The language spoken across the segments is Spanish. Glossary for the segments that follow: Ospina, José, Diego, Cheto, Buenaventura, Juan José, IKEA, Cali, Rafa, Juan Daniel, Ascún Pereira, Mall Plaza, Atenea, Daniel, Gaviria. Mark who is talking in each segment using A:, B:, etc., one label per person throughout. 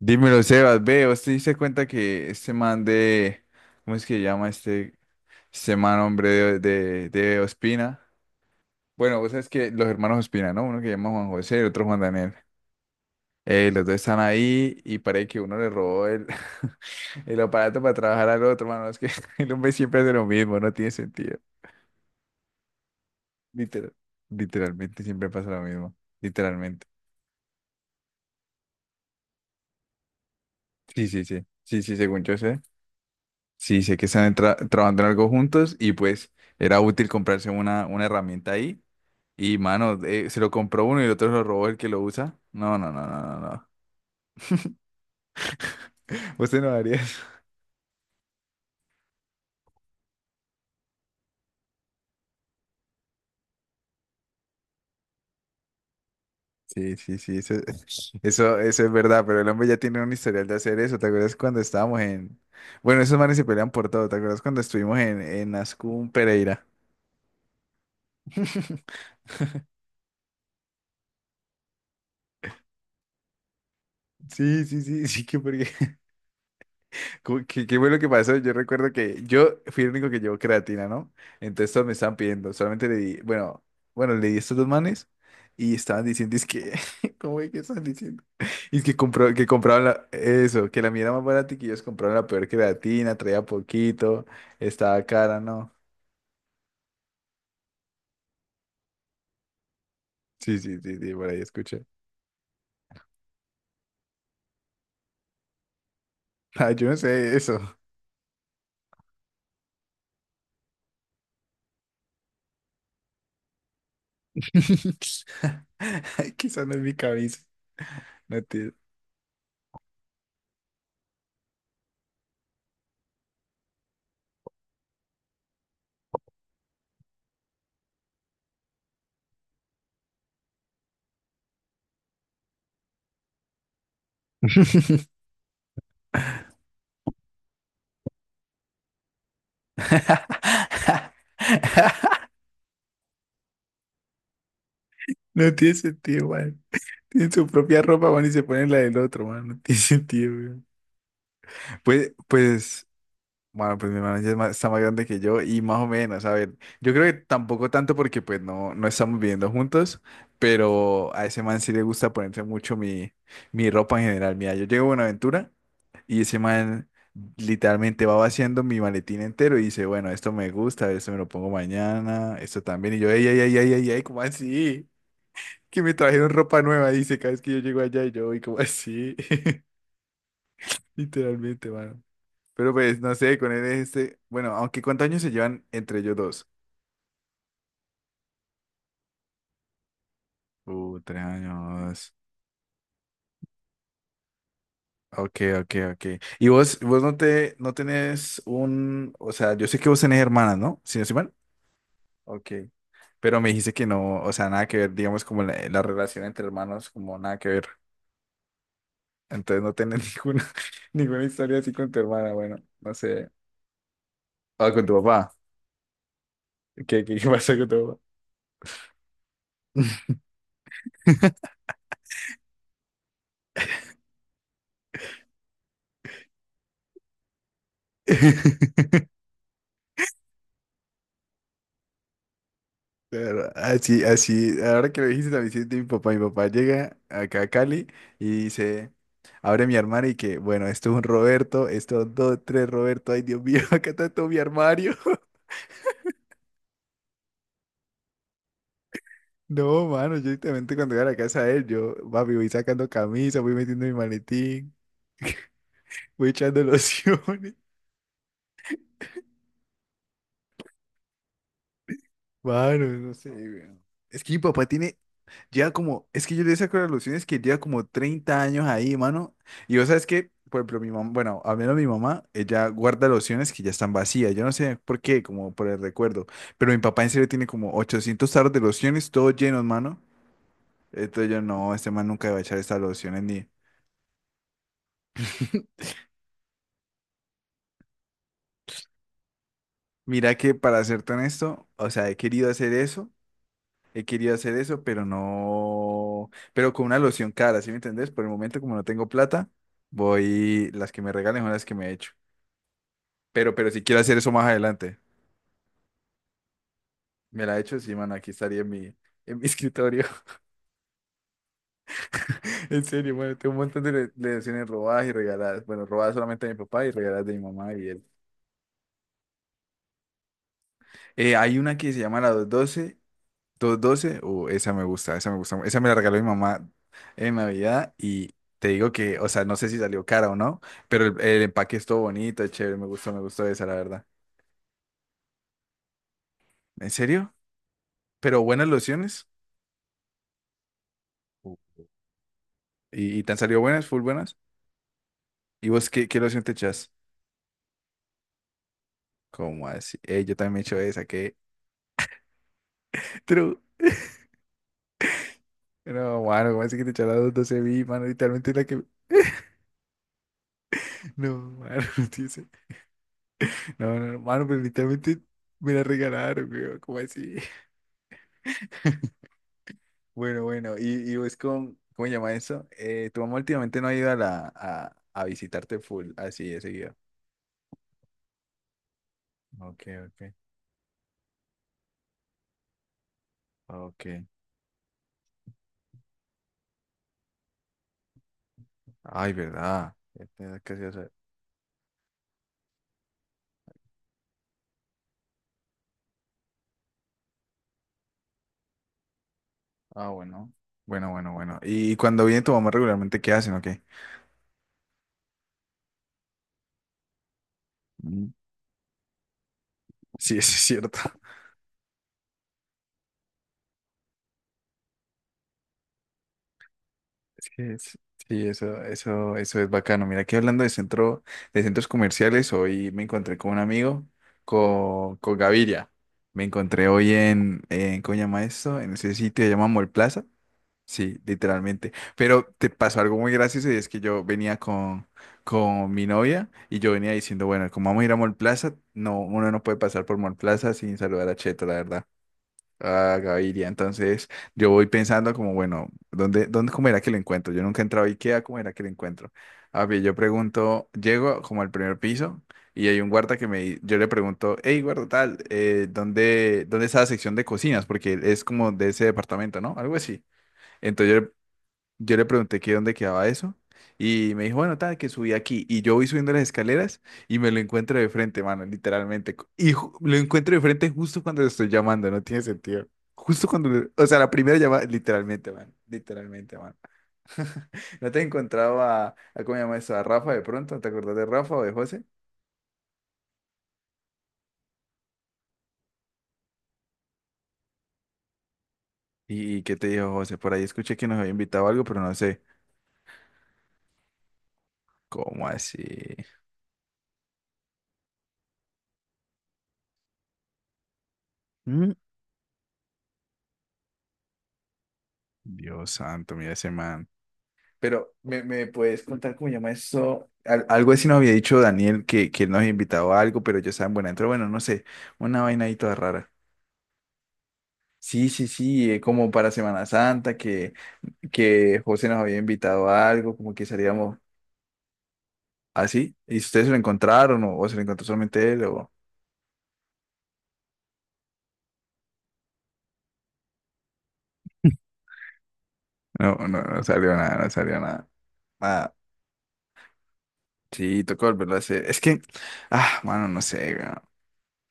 A: Dímelo, Sebas, ve, ¿usted se diste cuenta que este man de, ¿cómo es que se llama este, este man, hombre de Ospina? Bueno, vos sabes que los hermanos Ospina, ¿no? Uno que se llama Juan José y otro Juan Daniel. Los dos están ahí y parece que uno le robó el, el aparato para trabajar al otro, mano. Es que el hombre siempre hace lo mismo, no tiene sentido. Literal, literalmente siempre pasa lo mismo, literalmente. Sí, sí, sí, sí, sí, según yo sé. Sí, sé que están trabajando en algo juntos y pues era útil comprarse una herramienta ahí. Y mano, se lo compró uno y el otro lo robó el que lo usa. No, no, no, no, no. no. Usted no haría eso. Sí, sí, sí, eso, eso es verdad, pero el hombre ya tiene un historial de hacer eso. ¿Te acuerdas cuando estábamos en... Bueno, esos manes se pelean por todo. ¿Te acuerdas cuando estuvimos en Ascún Pereira? Sí, sí, sí, sí, que porque... Qué bueno que pasó. Yo recuerdo que yo fui el único que llevó creatina, ¿no? Entonces todos me estaban pidiendo. Solamente le di, bueno, bueno, le di a estos dos manes y estaban diciendo, es que, ¿cómo es que están diciendo? Y es que, compró, que compraban eso, que la mía era más barata y que ellos compraban la peor creatina, traía poquito, estaba cara, ¿no? Sí, sí, sí, sí, por ahí escuché. Ah, yo no sé eso. Quizás no es mi cabeza. No tiene. No tiene sentido, man. Tienen su propia ropa, van y se ponen la del otro, man. No tiene sentido, weón. Pues, pues, bueno, pues mi hermano ya es está más grande que yo y más o menos, a ver, yo creo que tampoco tanto porque pues no, no estamos viviendo juntos, pero a ese man sí le gusta ponerse mucho mi, mi ropa en general. Mira, yo llego a Buenaventura y ese man literalmente va vaciando mi maletín entero y dice, bueno, esto me gusta, esto me lo pongo mañana, esto también. Y yo, ay, ay, ay, ay, ay, ay, ¿cómo así? Que me trajeron ropa nueva, dice, cada vez que yo llego allá y yo voy como así, literalmente, mano. Pero pues, no sé, con él es este, bueno, aunque ¿cuántos años se llevan entre ellos dos? 3 años. Ok, ok, ok. Y vos no tenés un, o sea, yo sé que vos tenés hermanas, ¿no? Si no estoy mal. Ok. Pero me dijiste que no, o sea, nada que ver, digamos, como la relación entre hermanos, como nada que ver. Entonces no tenés ninguna historia así con tu hermana, bueno, no sé. Ah, con tu papá. ¿Qué pasó con tu papá? Claro, así, así, ahora que lo dijiste, la visita de mi papá llega acá a Cali y dice, abre mi armario y que, bueno, esto es un Roberto, esto dos, tres Roberto, ay Dios mío, acá está todo mi armario. No, mano, yo directamente cuando llego a la casa de él, yo, papi, voy sacando camisa, voy metiendo mi maletín, voy echando lociones. Mano, no sé, weón. Es que mi papá tiene Lleva como, es que yo le saco las lociones que lleva como 30 años ahí, mano. Y vos sabes que, por ejemplo, mi mamá, bueno, al menos mi mamá, ella guarda lociones que ya están vacías. Yo no sé por qué, como por el recuerdo. Pero mi papá en serio tiene como 800 tarros de lociones, todos llenos, mano. Entonces yo, no, este man nunca va a echar estas lociones ni. Mira que para serte honesto, o sea, he querido hacer eso, he querido hacer eso, pero no. Pero con una loción cara, ¿sí me entendés? Por el momento, como no tengo plata, voy, las que me regalen son las que me he Pero, si quiero hacer eso más adelante, me la he hecho, sí, mano, aquí estaría en mi, escritorio. En serio, bueno, tengo un montón de lecciones robadas y regaladas. Bueno, robadas solamente de mi papá y regaladas de mi mamá y él. Hay una que se llama la 212, doce o esa me gusta, esa me gusta, esa me la regaló mi mamá en Navidad y te digo que, o sea, no sé si salió cara o no, pero el empaque es todo bonito, es chévere, me gustó esa, la verdad. ¿En serio? Pero buenas lociones Uh. Y te han salido buenas, full buenas. ¿Y vos qué loción te echas? ¿Cómo así? Yo también he hecho esa, ¿qué? True. No, mano, ¿cómo así que te echas las 12.000, mano? Literalmente la que... No, mano, dice... No, no, no, mano, pero literalmente me la regalaron, weón, ¿cómo así? Bueno, bueno, y, vos con... ¿Cómo se llama eso? Tu mamá últimamente no ha ido a, la a visitarte full, así de seguido. Ok, ok, ok. Ay, ¿verdad? Ya casi ya sabes. Ah, bueno. Bueno, bueno, bueno. ¿Y cuando viene tu mamá regularmente, qué hacen o qué? Mm. Sí, eso es cierto. Es que es- Sí, eso es bacano. Mira, aquí hablando de centro, de centros comerciales, hoy me encontré con un amigo, con, Gaviria. Me encontré hoy en, ¿cómo se llama esto? En ese sitio que se llama Mall Plaza. Sí, literalmente. Pero te pasó algo muy gracioso y es que yo venía con mi novia y yo venía diciendo, bueno, como vamos a ir a Mall Plaza, no, uno no puede pasar por Mall Plaza sin saludar a Cheto, la verdad. Ah, Gaviria, entonces yo voy pensando como, bueno, ¿dónde, cómo era que lo encuentro? Yo nunca he entrado a IKEA, ¿cómo era que lo encuentro? A ver, yo pregunto, llego como al primer piso y hay un guarda que yo le pregunto, hey, guarda tal, ¿dónde está la sección de cocinas? Porque es como de ese departamento, ¿no? Algo así. Entonces yo le pregunté que dónde quedaba eso y me dijo, bueno, tal, que subí aquí. Y yo voy subiendo las escaleras y me lo encuentro de frente, mano, literalmente. Lo encuentro de frente justo cuando lo estoy llamando, no tiene sentido. Justo cuando, o sea, la primera llamada, literalmente, mano, literalmente, mano. ¿No te he encontrado a, cómo se llama eso, a Rafa de pronto? ¿Te acordás de Rafa o de José? ¿Y qué te dijo José? Por ahí escuché que nos había invitado a algo, pero no sé. ¿Cómo así? Mm. Dios santo, mira ese man. Pero, ¿me puedes contar cómo llama eso? Algo así nos había dicho Daniel que, él nos había invitado a algo, pero yo estaba en Buenaventura, bueno, no sé, una vaina ahí toda rara. Sí, sí, sí, como para Semana Santa, que, José nos había invitado a algo, como que salíamos así. ¿Y ustedes se lo encontraron o se lo encontró solamente él? O... No, no, no salió nada, no salió nada. Nada. Sí, tocó volverlo a hacer. Es que, mano, no sé, weón.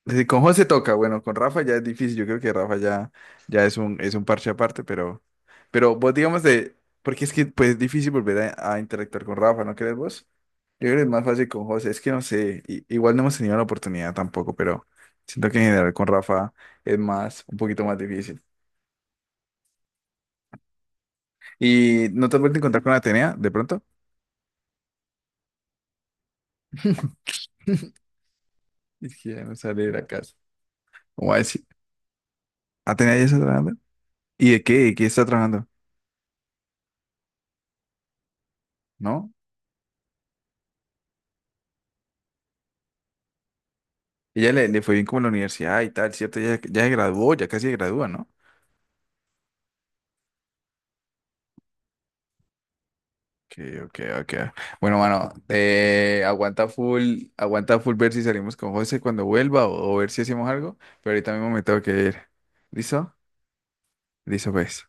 A: Sí, con José toca, bueno, con Rafa ya es difícil, yo creo que Rafa ya, ya es un, parche aparte, pero vos digamos de, porque es que pues es difícil volver a interactuar con Rafa, ¿no crees vos? Yo creo que es más fácil con José, es que no sé, igual no hemos tenido la oportunidad tampoco, pero siento que en general con Rafa es más, un poquito más difícil. ¿Y no te has vuelto a encontrar con Atenea de pronto? Es que ya no sale de la casa. ¿Cómo va a decir? ¿Atenea ya está trabajando? ¿Y de qué? ¿De qué está trabajando? ¿No? Ella le fue bien como en la universidad y tal, ¿cierto? Ya, ya se graduó, ya casi se gradúa, ¿no? Okay, okay, okay. Bueno, mano, aguanta full ver si salimos con José cuando vuelva o, ver si hacemos algo, pero ahorita mismo me tengo que ir. ¿Listo? Listo, pues.